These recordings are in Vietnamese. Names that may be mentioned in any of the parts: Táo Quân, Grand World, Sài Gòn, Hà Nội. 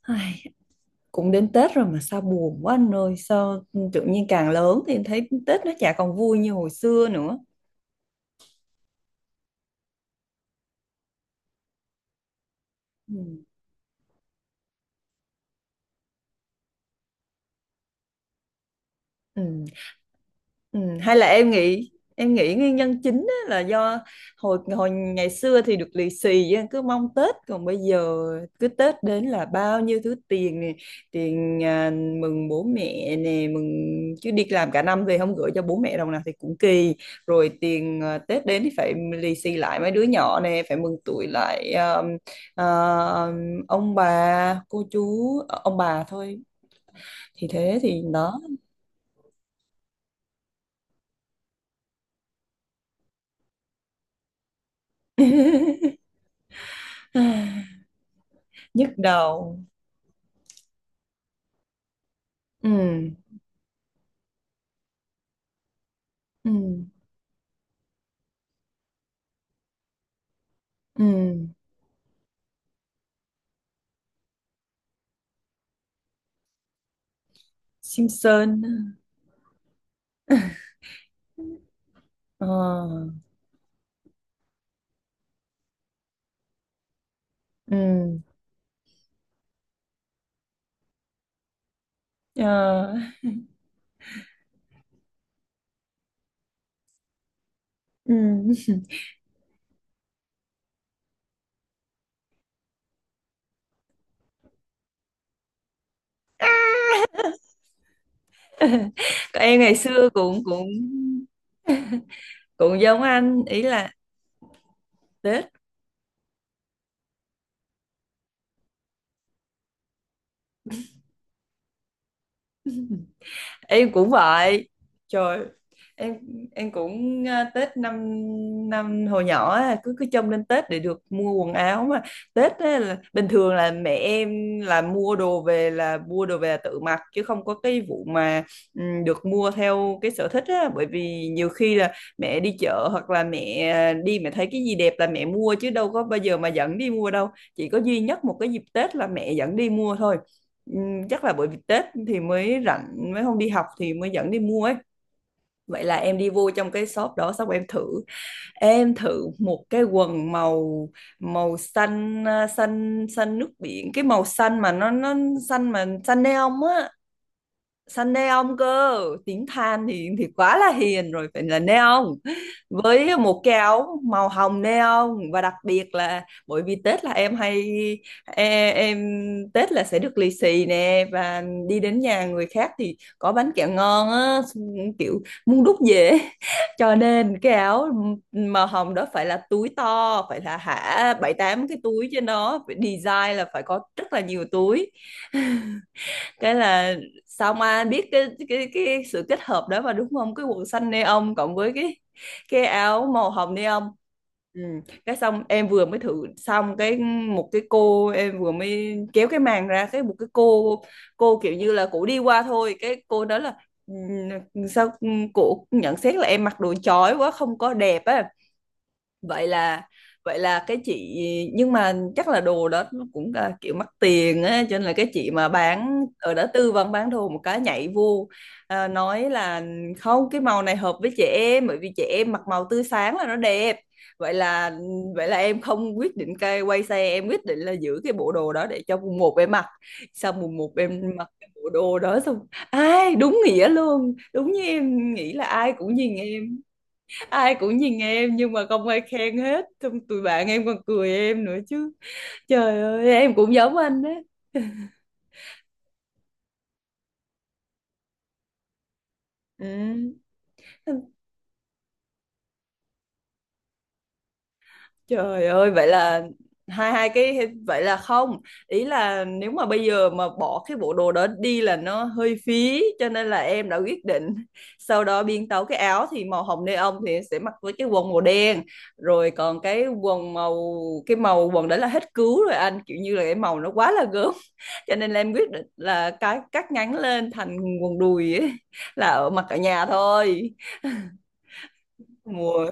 Ai, cũng đến Tết rồi mà sao buồn quá anh ơi, sao tự nhiên càng lớn thì em thấy Tết nó chả còn vui như hồi xưa nữa. Ừ. Ừ. Ừ, hay là em nghĩ, em nghĩ nguyên nhân chính á là do hồi hồi ngày xưa thì được lì xì á, cứ mong Tết, còn bây giờ cứ Tết đến là bao nhiêu thứ tiền nè, tiền mừng bố mẹ nè, mừng chứ đi làm cả năm về không gửi cho bố mẹ đồng nào thì cũng kỳ, rồi tiền Tết đến thì phải lì xì lại mấy đứa nhỏ nè, phải mừng tuổi lại à, ông bà cô chú ông bà thôi, thì thế thì đó. Nhức đầu. Ừ. Ừ. Ừ. Simpson. Ờ. Ừ. Ờ. Ừ. Còn em ngày xưa cũng cũng cũng giống anh ý là, thế em cũng vậy. Trời, em em cũng Tết năm năm hồi nhỏ á, cứ cứ trông lên Tết để được mua quần áo mà. Tết á, là bình thường là mẹ em là mua đồ về, là mua đồ về là tự mặc chứ không có cái vụ mà, ừ, được mua theo cái sở thích á, bởi vì nhiều khi là mẹ đi chợ hoặc là mẹ đi, mẹ thấy cái gì đẹp là mẹ mua chứ đâu có bao giờ mà dẫn đi mua đâu. Chỉ có duy nhất một cái dịp Tết là mẹ dẫn đi mua thôi. Chắc là bởi vì Tết thì mới rảnh, mới không đi học thì mới dẫn đi mua ấy. Vậy là em đi vô trong cái shop đó, xong em thử, em thử một cái quần màu, màu xanh xanh xanh nước biển, cái màu xanh mà nó xanh mà xanh neon á, săn neon cơ, tính than thì quá là hiền rồi, phải là neon. Với một cái áo màu hồng neon, và đặc biệt là bởi vì Tết là em hay em, Tết là sẽ được lì xì nè, và đi đến nhà người khác thì có bánh kẹo ngon á, kiểu muốn đút dễ. Cho nên cái áo màu hồng đó phải là túi to, phải là hả bảy tám cái túi, trên nó phải design là phải có rất là nhiều túi. Cái là, xong ai biết cái cái sự kết hợp đó mà đúng không, cái quần xanh neon cộng với cái áo màu hồng neon. Ừ. Cái xong em vừa mới thử xong cái, một cái cô em vừa mới kéo cái màn ra cái một cái cô kiểu như là cổ đi qua thôi, cái cô đó là "Ừ, sao," cổ nhận xét là em mặc đồ chói quá, không có đẹp á. Vậy là, vậy là cái chị, nhưng mà chắc là đồ đó nó cũng là kiểu mắc tiền á, cho nên là cái chị mà bán ở đó tư vấn bán đồ một cái nhảy vô, nói là không, cái màu này hợp với trẻ em, bởi vì trẻ em mặc màu tươi sáng là nó đẹp. Vậy là, vậy là em không quyết định, cái quay xe, em quyết định là giữ cái bộ đồ đó để cho mùng một em mặc. Sau mùng một em mặc cái bộ đồ đó xong, ai đúng nghĩa luôn, đúng như em nghĩ là ai cũng nhìn em. Ai cũng nhìn em nhưng mà không ai khen hết, xong tụi bạn em còn cười em nữa chứ. Trời ơi, em cũng giống anh đấy. Ừ. Trời ơi, vậy là, hai hai cái, vậy là không. Ý là nếu mà bây giờ mà bỏ cái bộ đồ đó đi là nó hơi phí, cho nên là em đã quyết định sau đó biến tấu, cái áo thì màu hồng neon thì sẽ mặc với cái quần màu đen. Rồi còn cái quần màu, cái màu quần đấy là hết cứu rồi anh, kiểu như là cái màu nó quá là gớm. Cho nên là em quyết định là cái cắt ngắn lên thành quần đùi ấy, là ở mặc ở nhà thôi. Mùa,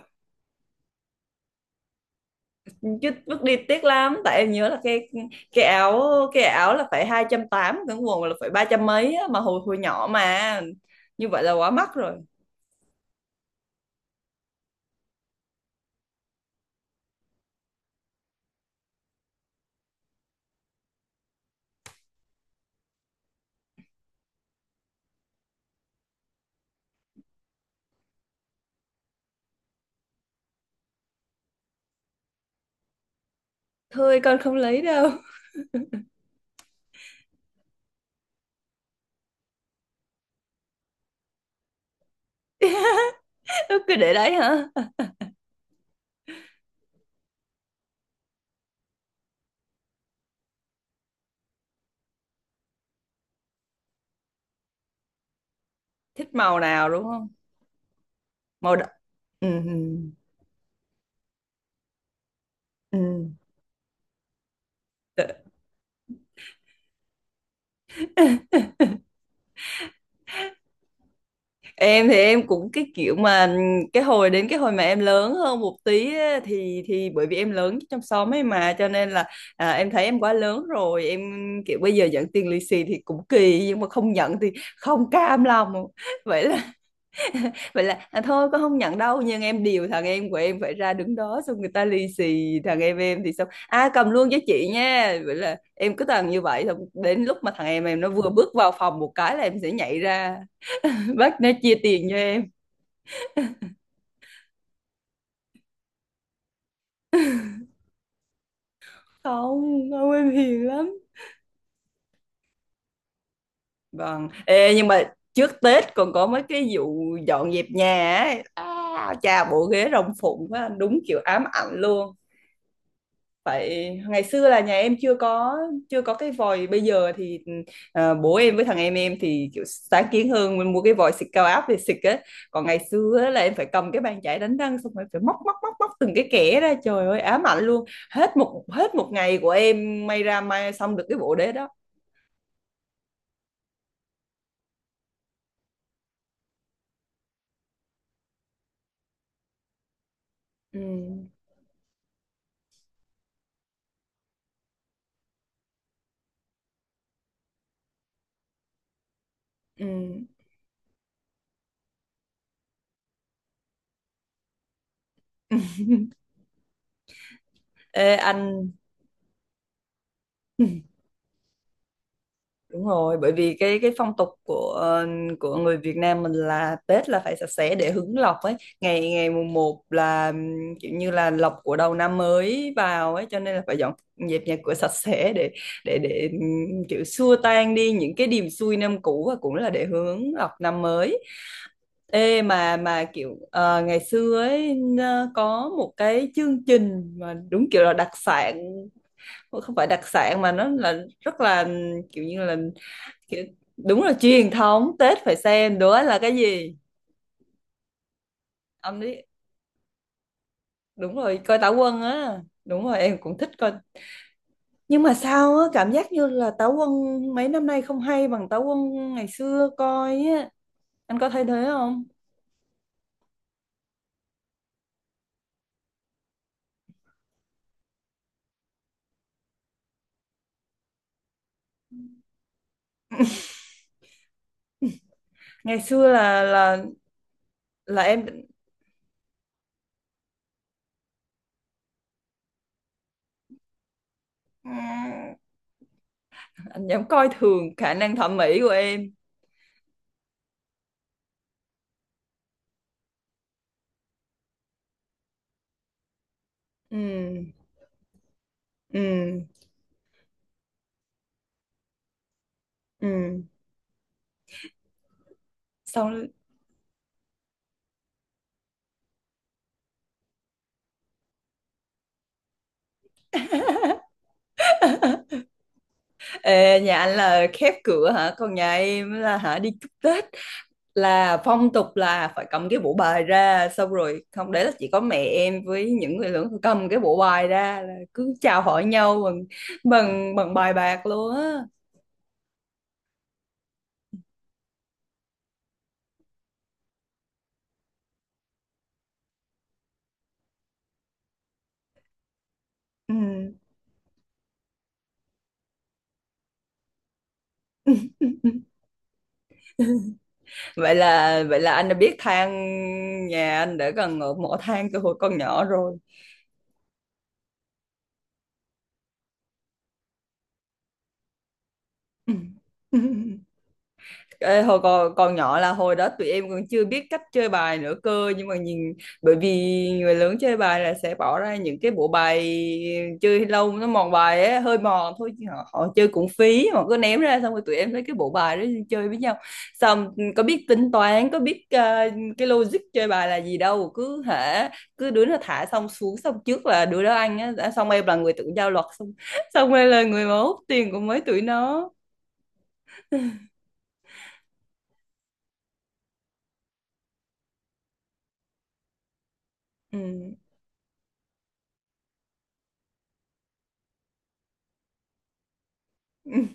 chứ bước đi tiếc lắm, tại em nhớ là cái áo, cái áo là phải 280, cái quần là phải 300 mấy á, mà hồi hồi nhỏ mà như vậy là quá mắc rồi. Thôi con không lấy đâu. Cứ để đấy hả? Thích màu nào đúng không? Màu đỏ. Ừ, ừ, ừ. Em thì em cũng cái kiểu mà cái hồi đến cái hồi mà em lớn hơn một tí á, thì bởi vì em lớn trong xóm ấy mà cho nên là, em thấy em quá lớn rồi, em kiểu bây giờ nhận tiền lì xì thì cũng kỳ, nhưng mà không nhận thì không cam lòng. Vậy là, vậy là thôi con không nhận đâu, nhưng em điều thằng em của em phải ra đứng đó, xong người ta lì xì thằng em thì xong à cầm luôn cho chị nha. Vậy là em cứ toàn như vậy, xong đến lúc mà thằng em nó vừa bước vào phòng một cái là em sẽ nhảy ra bắt nó chia tiền cho em. Không, ông em hiền lắm. Vâng. Ê, nhưng mà trước Tết còn có mấy cái vụ dọn dẹp nhà ấy. À, chà bộ ghế rồng phụng quá đúng kiểu ám ảnh luôn. Phải ngày xưa là nhà em chưa có, chưa có cái vòi, bây giờ thì bố em với thằng em thì kiểu sáng kiến hơn, mình mua cái vòi xịt cao áp về xịt á. Còn ngày xưa á là em phải cầm cái bàn chải đánh răng, xong rồi phải móc móc móc móc từng cái kẽ ra, trời ơi ám ảnh luôn. Hết một ngày của em may ra may xong được cái bộ đế đó. Ừ. Ừ. Ê anh. Đúng rồi, bởi vì cái phong tục của của người Việt Nam mình là Tết là phải sạch sẽ để hứng lộc ấy. Ngày ngày mùng một là kiểu như là lộc của đầu năm mới vào ấy, cho nên là phải dọn dẹp nhà cửa sạch sẽ để, để kiểu xua tan đi những cái điềm xui năm cũ, và cũng là để hướng lộc năm mới. Ê mà kiểu ngày xưa ấy có một cái chương trình mà đúng kiểu là đặc sản, không phải đặc sản mà nó là rất là kiểu như là, kiểu, đúng là truyền thống Tết, phải xem đó là cái gì? Ông đi, đúng rồi, coi Táo Quân á. Đúng rồi, em cũng thích coi. Nhưng mà sao á cảm giác như là Táo Quân mấy năm nay không hay bằng Táo Quân ngày xưa coi á, anh có thấy thế không? Ngày xưa là là em. Anh dám coi thường khả năng thẩm mỹ của em. Ừ. Ừ. Ừ. Xong. Ê, nhà anh là khép cửa hả? Còn nhà em là hả, đi chúc Tết là phong tục, là phải cầm cái bộ bài ra, xong rồi không, đấy là chỉ có mẹ em với những người lớn cầm cái bộ bài ra, là cứ chào hỏi nhau bằng bằng bằng bài bạc luôn á. Ừ. Vậy là, vậy là anh đã biết than, nhà anh đã gần ở mỏ than từ hồi còn nhỏ rồi. Ừ. Ê, hồi còn nhỏ là hồi đó tụi em còn chưa biết cách chơi bài nữa cơ, nhưng mà nhìn, bởi vì người lớn chơi bài là sẽ bỏ ra những cái bộ bài chơi lâu nó mòn bài ấy, hơi mòn thôi chứ họ, họ chơi cũng phí, họ cứ ném ra xong rồi tụi em lấy cái bộ bài đó đi chơi với nhau. Xong có biết tính toán, có biết cái logic chơi bài là gì đâu, cứ hả, cứ đứa nó thả xong xuống xong trước là đứa đó ăn á, đã- xong em là người tự giao luật, xong, xong em là người mà hút tiền của mấy tụi nó. Ừ.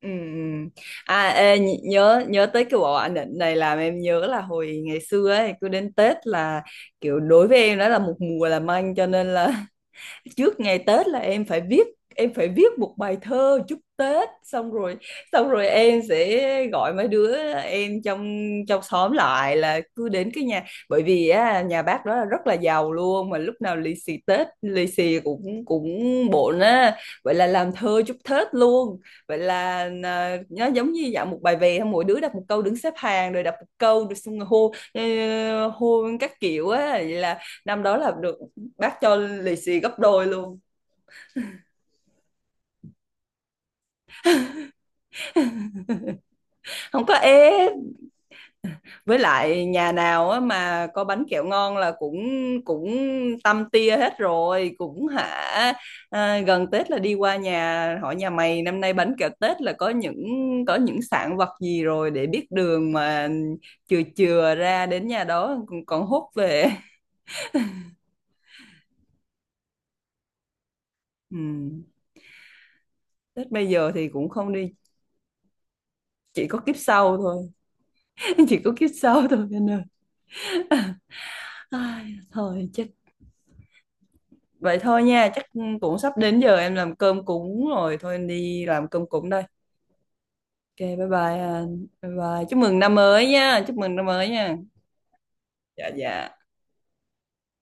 Ừ. Ừ. À, ê, nh- nhớ, nhớ tới cái bộ ảnh định này làm em nhớ là hồi ngày xưa ấy cứ đến Tết là kiểu đối với em đó là một mùa làm anh, cho nên là trước ngày Tết là em phải viết, em phải viết một bài thơ chúc Tết xong rồi, xong rồi em sẽ gọi mấy đứa em trong trong xóm lại, là cứ đến cái nhà, bởi vì á, nhà bác đó là rất là giàu luôn, mà lúc nào lì xì Tết lì xì cũng cũng bộn á. Vậy là làm thơ chúc Tết luôn. Vậy là nó giống như dạng một bài về, mỗi đứa đọc một câu, đứng xếp hàng rồi đọc một câu rồi xong rồi hô hô các kiểu á. Vậy là năm đó là được bác cho lì xì gấp đôi luôn. Không có ép. Với lại nhà nào á mà có bánh kẹo ngon là cũng cũng tâm tia hết rồi, cũng hả, gần Tết là đi qua nhà hỏi nhà mày năm nay bánh kẹo Tết là có những, có những sản vật gì rồi, để biết đường mà chừa chừa ra đến nhà đó còn, còn hốt về. Ừ. Tết bây giờ thì cũng không đi, chỉ có kiếp sau thôi. Chỉ có kiếp sau thôi anh ơi. Ai, thôi chết. Vậy thôi nha, chắc cũng sắp đến giờ em làm cơm cúng rồi, thôi em đi làm cơm cúng đây. Ok, bye bye anh. Bye bye. Chúc mừng năm mới nha, chúc mừng năm mới nha. Dạ dạ.